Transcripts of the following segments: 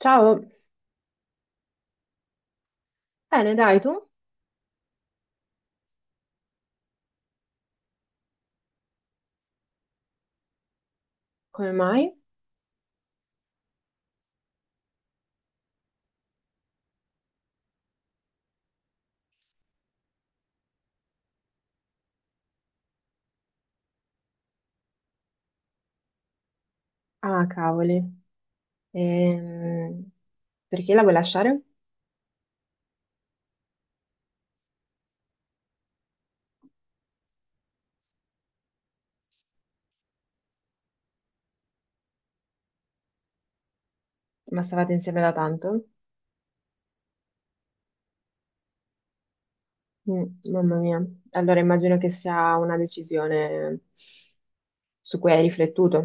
Ciao, bene, dai tu? Come mai? Ah, cavoli. Ehm, Perché la vuoi lasciare? Ma stavate insieme da tanto? Mm, mamma mia. Allora immagino che sia una decisione su cui hai riflettuto.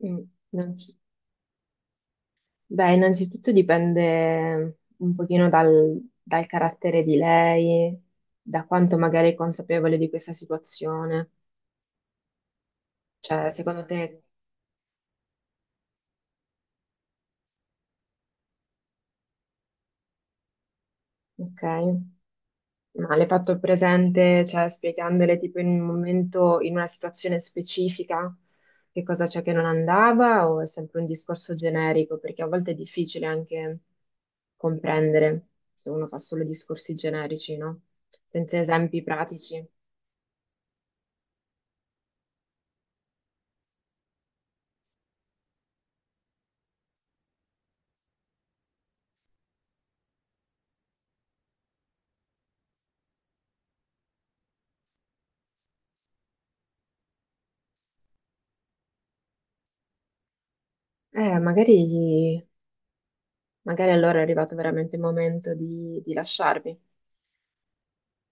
Mm. innanzi- Beh, innanzitutto dipende un pochino dal carattere di lei, da quanto magari è consapevole di questa situazione. Cioè, secondo te, ok? Ma le hai fatto presente, cioè spiegandole tipo in un in una situazione specifica, che cosa c'è che non andava o è sempre un discorso generico? Perché a volte è difficile anche comprendere se uno fa solo discorsi generici, no? Senza esempi pratici. Eh, magari, magari allora è arrivato veramente il momento di lasciarvi.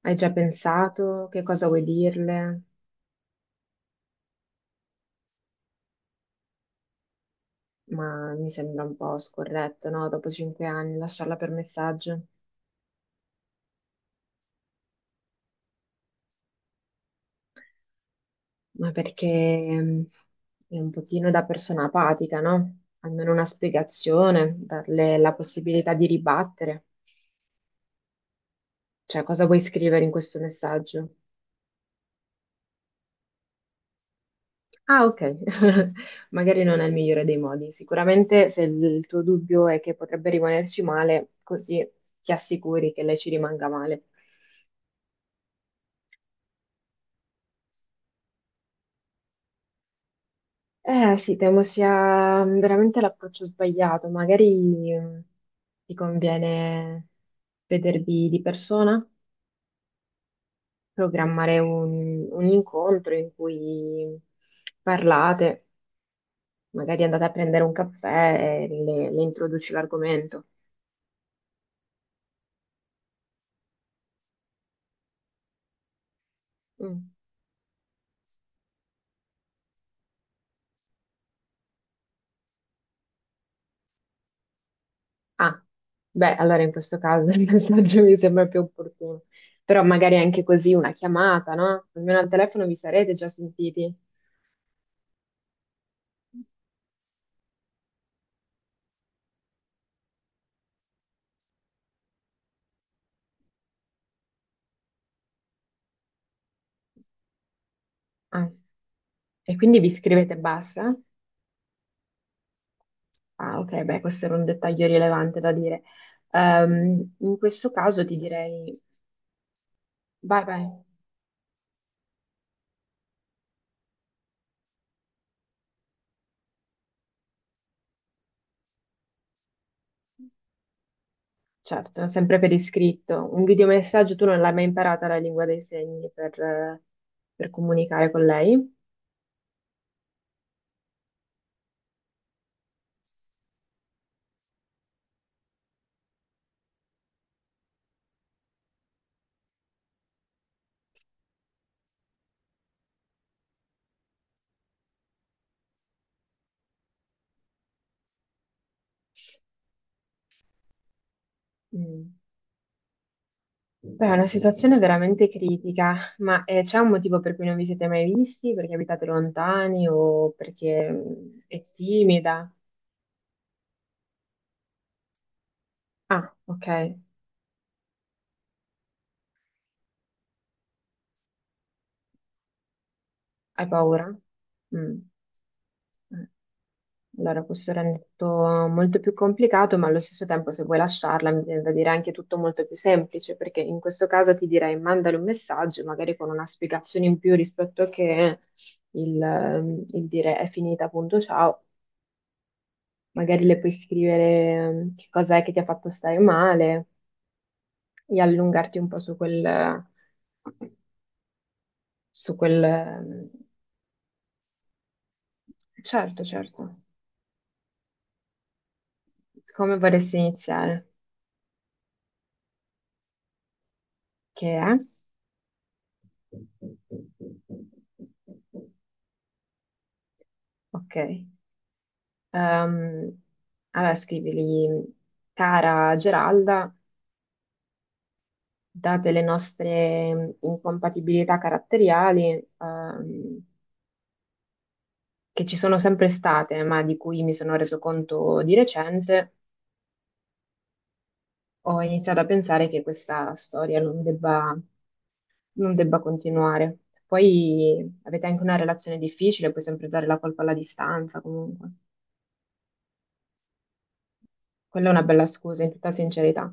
Hai già pensato che cosa vuoi dirle? Ma mi sembra un po' scorretto, no? Dopo 5 anni lasciarla per messaggio. Ma perché mh, è un pochino da persona apatica, no? Almeno una spiegazione, darle la possibilità di ribattere. Cioè, cosa vuoi scrivere in questo messaggio? Ah, ok, magari non è il migliore dei modi. Sicuramente se il tuo dubbio è che potrebbe rimanerci male, così ti assicuri che lei ci rimanga male. Eh sì, temo sia veramente l'approccio sbagliato. Magari ti conviene vedervi di persona? Programmare un incontro in cui parlate, magari andate a prendere un caffè e le introduci l'argomento. Mm. Ah, beh, allora in questo caso il messaggio mi sembra più opportuno. Però magari anche così una chiamata, no? Almeno al telefono vi sarete già sentiti. Ah, e quindi vi scrivete e basta? Ah, ok, beh, questo era un dettaglio rilevante da dire. In questo caso ti direi, vai, vai. Certo, sempre per iscritto. Un videomessaggio tu non l'hai mai imparata la lingua dei segni per comunicare con lei? Mm. Beh, è una situazione veramente critica, ma c'è un motivo per cui non vi siete mai visti? Perché abitate lontani o perché è timida? Ah, ok, hai paura? Mm. Eh. Allora, questo rende tutto molto più complicato, ma allo stesso tempo, se vuoi lasciarla, mi viene da dire anche tutto molto più semplice, perché in questo caso ti direi mandale un messaggio, magari con una spiegazione in più rispetto a che il dire è finita, appunto, ciao. Magari le puoi scrivere che cos'è che ti ha fatto stare male e allungarti un po' su quel. Certo, certo. Come vorresti iniziare? Che è? Ok. Ehm, allora scrivili, cara Geralda, date le nostre incompatibilità caratteriali, che ci sono sempre state, ma di cui mi sono reso conto di recente, ho iniziato a pensare che questa storia non debba continuare. Poi avete anche una relazione difficile, puoi sempre dare la colpa alla distanza, comunque. Quella è una bella scusa, in tutta sincerità.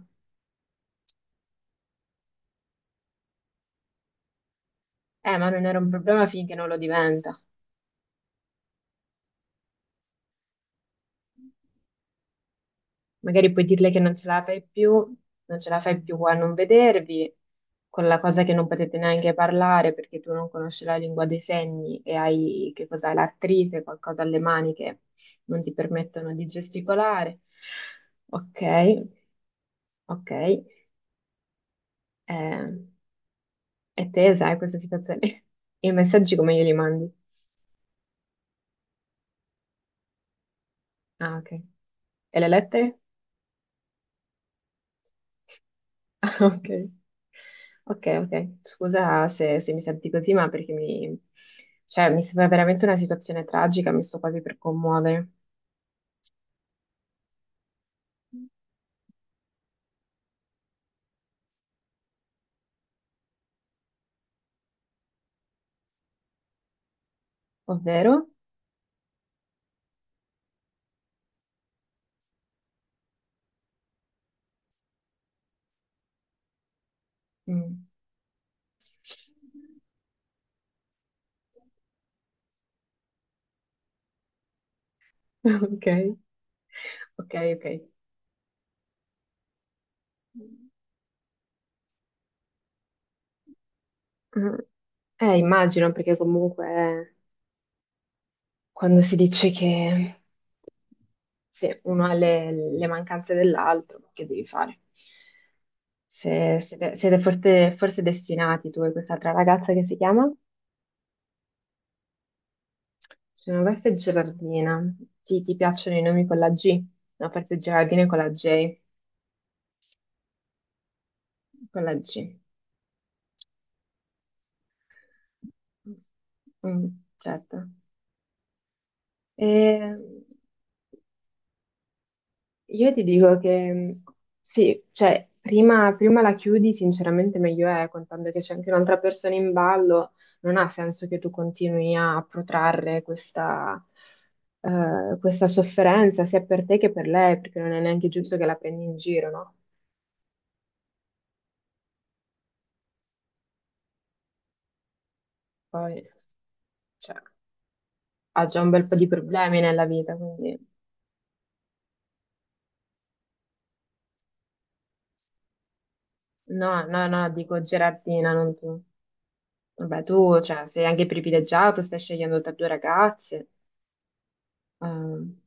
Ma non era un problema finché non lo diventa. Magari puoi dirle che non ce la fai più, non ce la fai più a non vedervi, con la cosa che non potete neanche parlare perché tu non conosci la lingua dei segni e hai, che cos'hai, l'artrite, qualcosa alle mani che non ti permettono di gesticolare. Ok, ok. Eh, e te sai questa situazione? I messaggi come glieli mandi? Ah, ok. E le lettere? Ok, ok, ok. Scusa se mi senti così, ma perché mi, cioè, mi sembra veramente una situazione tragica, mi sto quasi per commuovere. Ovvero? Mm. Ok, ok, ok. Mm. Immagino, perché comunque quando si dice che se uno ha le mancanze dell'altro, che devi fare? Se, siete siete forse destinati tu e quest'altra ragazza che si chiama? Genoveffa e Gerardina. Sì, ti piacciono i nomi con la G? No, forse Gerardina è con la J. Con la G. Mm, certo. E io ti dico che sì, cioè, prima la chiudi, sinceramente meglio è, contando che c'è anche un'altra persona in ballo, non ha senso che tu continui a protrarre questa, questa sofferenza, sia per te che per lei, perché non è neanche giusto che la prendi in giro, no? Poi... cioè, ha già un bel po' di problemi nella vita, quindi no, no, no, dico Gerardina, non tu. Vabbè, tu, cioè, sei anche privilegiato, stai scegliendo tra due ragazze. Ehm,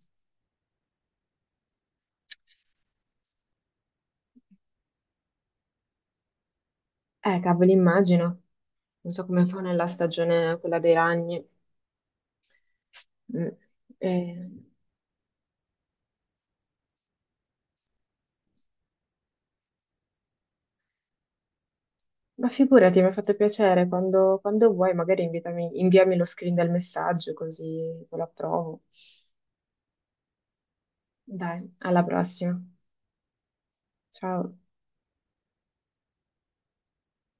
eh, cavolo, immagino. Non so come fa nella stagione quella dei ragni. Mm. Eh, ma figurati, mi ha fatto piacere, quando vuoi magari inviami lo screen del messaggio così lo approvo. Dai, alla prossima. Ciao.